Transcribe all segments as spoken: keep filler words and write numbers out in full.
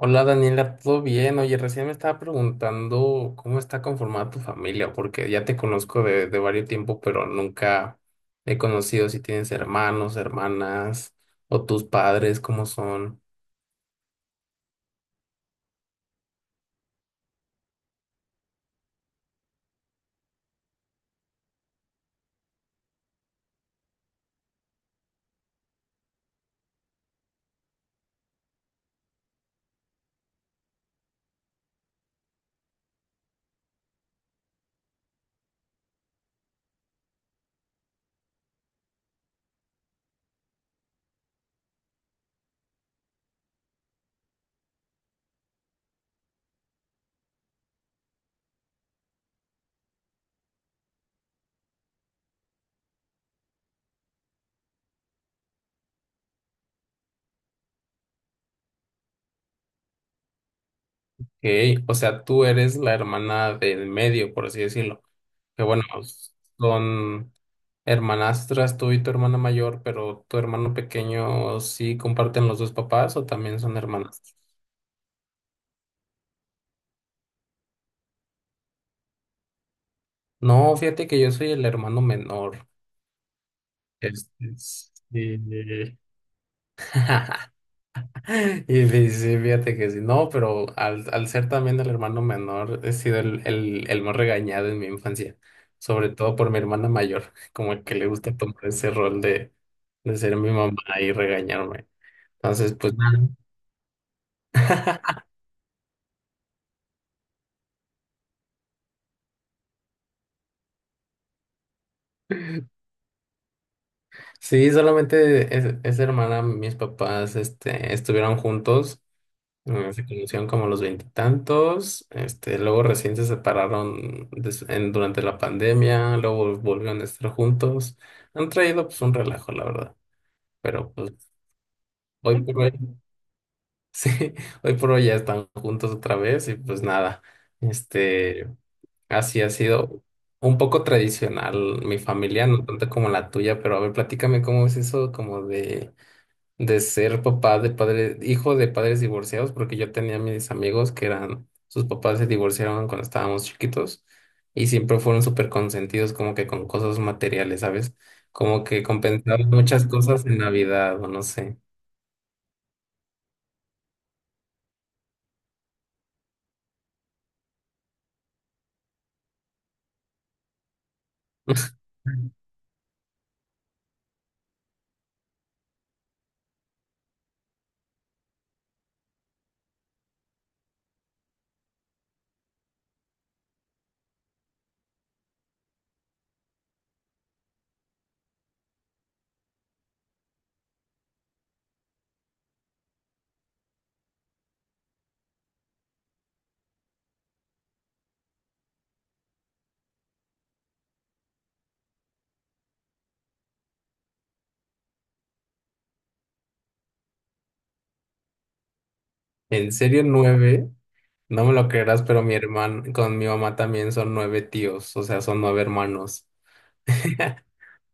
Hola Daniela, ¿todo bien? Oye, recién me estaba preguntando cómo está conformada tu familia, porque ya te conozco de, de varios tiempo, pero nunca he conocido si tienes hermanos, hermanas o tus padres, cómo son. Ok, o sea, tú eres la hermana del medio, por así decirlo. Que bueno, son hermanastras tú y tu hermana mayor, pero tu hermano pequeño sí comparten los dos papás o también son hermanas. No, fíjate que yo soy el hermano menor. Este, sí. Y sí, sí, fíjate que sí, no, pero al, al ser también el hermano menor, he sido el, el, el más regañado en mi infancia, sobre todo por mi hermana mayor. Como que le gusta tomar ese rol de, de, ser mi mamá y regañarme. Entonces, pues nada. Sí, solamente es- esa hermana. Mis papás, este, estuvieron juntos. Eh, Se conocieron como a los veintitantos. Este, luego recién se separaron des- en- durante la pandemia, luego volvieron a estar juntos. Han traído pues un relajo, la verdad, pero pues hoy por hoy, sí, hoy por hoy ya están juntos otra vez y pues nada, este, así ha sido un poco tradicional mi familia, no tanto como la tuya. Pero a ver, platícame cómo es eso como de de ser papá de padre, hijo de padres divorciados, porque yo tenía mis amigos que eran, sus papás se divorciaron cuando estábamos chiquitos y siempre fueron súper consentidos como que con cosas materiales, ¿sabes? Como que compensaban muchas cosas en Navidad o no sé. ¿En serio? Nueve, no me lo creerás, pero mi hermano, con mi mamá también son nueve tíos, o sea, son nueve hermanos.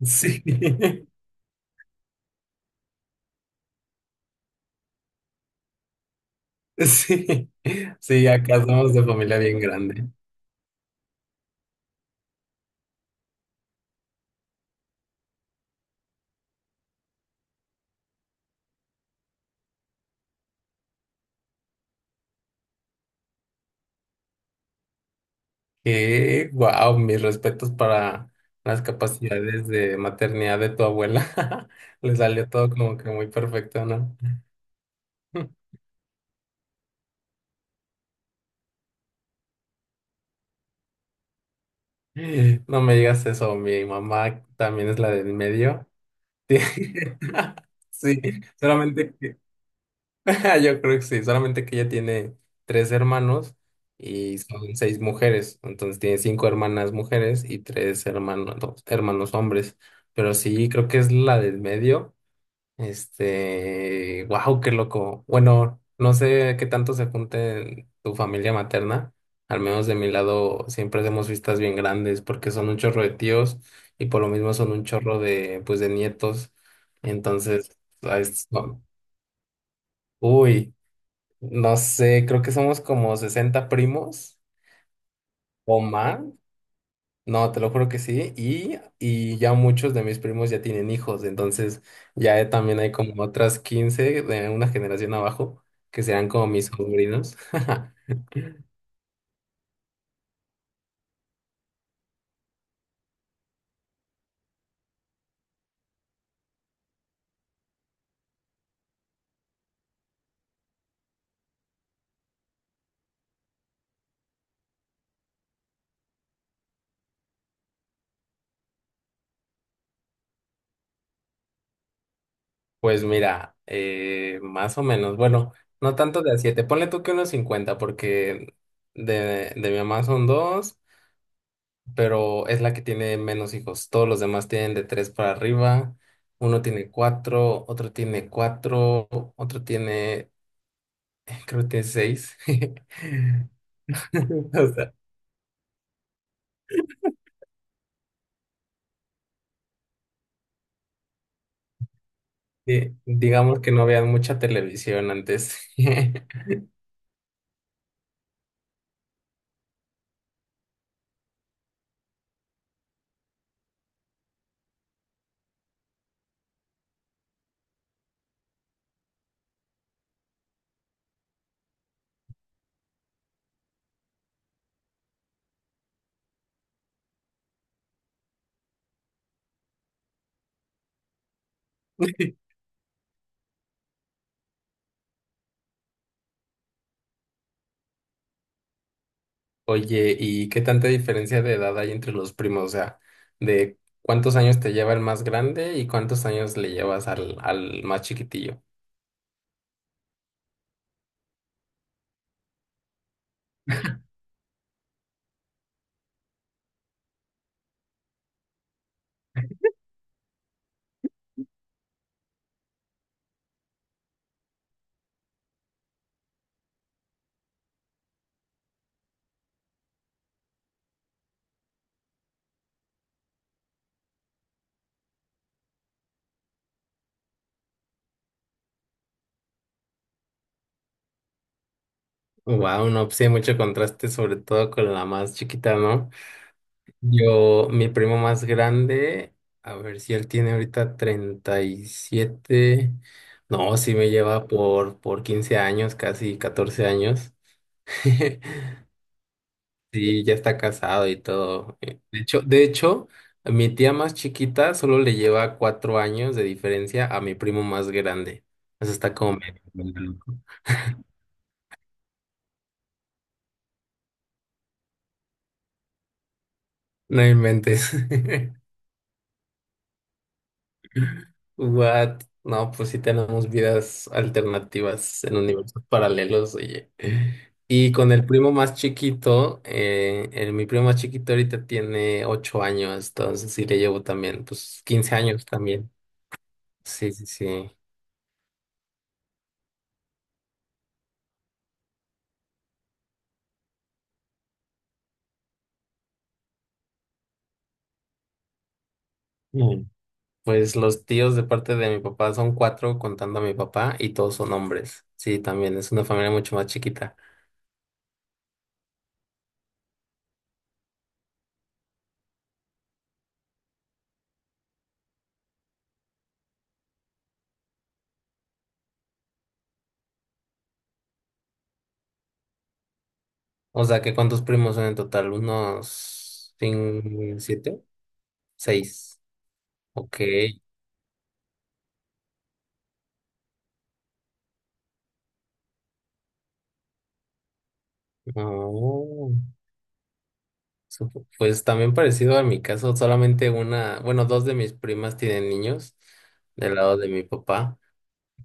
Sí. Sí, sí, acá somos de familia bien grande. Eh, wow, mis respetos para las capacidades de maternidad de tu abuela. Le salió todo como que muy perfecto, ¿no? No me digas eso, mi mamá también es la del medio. Sí. Sí, solamente que- yo creo que sí, solamente que ella tiene tres hermanos y son seis mujeres, entonces tiene cinco hermanas mujeres y tres hermanos, hermanos hombres, pero sí, creo que es la del medio. Este, wow, qué loco. Bueno, no sé qué tanto se junte en tu familia materna. Al menos de mi lado siempre hacemos fiestas bien grandes porque son un chorro de tíos y por lo mismo son un chorro de, pues, de nietos. Entonces, ah, es- no. Uy, no sé, creo que somos como sesenta primos o más. No, te lo juro que sí. Y, y ya muchos de mis primos ya tienen hijos, entonces ya he- también hay como otras quince de una generación abajo que serán como mis sobrinos. Pues mira, eh, más o menos, bueno, no tanto de a siete, ponle tú que unos cincuenta porque de, de mi mamá son dos, pero es la que tiene menos hijos. Todos los demás tienen de tres para arriba. Uno tiene cuatro, otro tiene cuatro, otro tiene, creo que tiene seis. O sea, di- digamos que no vean mucha televisión antes. Oye, ¿y qué tanta diferencia de edad hay entre los primos? O sea, ¿de cuántos años te lleva el más grande y cuántos años le llevas al, al más chiquitillo? Wow, no, pues sí hay mucho contraste, sobre todo con la más chiquita, ¿no? Yo, mi primo más grande, a ver si él tiene ahorita treinta y siete. No, sí me lleva por, por quince años, casi catorce años. Sí, ya está casado y todo. Eh, De hecho, de hecho, mi tía más chiquita solo le lleva cuatro años de diferencia a mi primo más grande. Eso está como medio loco. No inventes. What? No, pues sí tenemos vidas alternativas en universos paralelos, oye. Y con el primo más chiquito, eh, el- mi primo más chiquito ahorita tiene ocho años, entonces sí le llevo también, pues quince años también. Sí, sí, sí. Pues los tíos de parte de mi papá son cuatro contando a mi papá y todos son hombres. Sí, también es una familia mucho más chiquita. O sea, que ¿cuántos primos son en total? ¿Unos cin- siete? Seis. Ok. Oh, supo- pues también parecido a mi caso, solamente una, bueno, dos de mis primas tienen niños del lado de mi papá,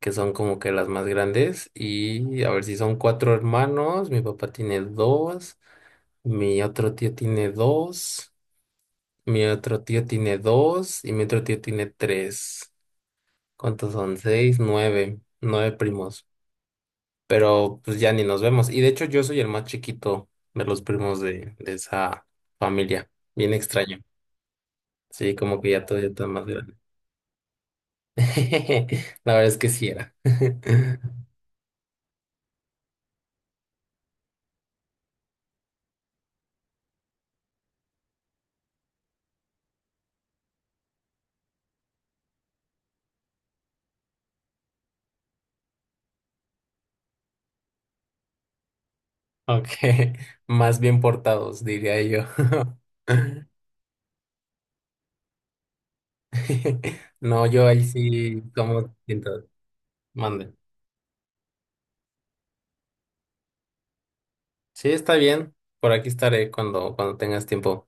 que son como que las más grandes. Y a ver si son cuatro hermanos, mi papá tiene dos, mi otro tío tiene dos. Mi otro tío tiene dos y mi otro tío tiene tres. ¿Cuántos son? Seis, nueve, nueve primos. Pero pues ya ni nos vemos. Y de hecho yo soy el más chiquito de los primos de, de esa familia. Bien extraño. Sí, como que ya todavía está más grande. La verdad es que sí era. Aunque más bien portados, diría yo. No, yo ahí sí como siento. Mande. Sí, está bien. Por aquí estaré cuando, cuando tengas tiempo.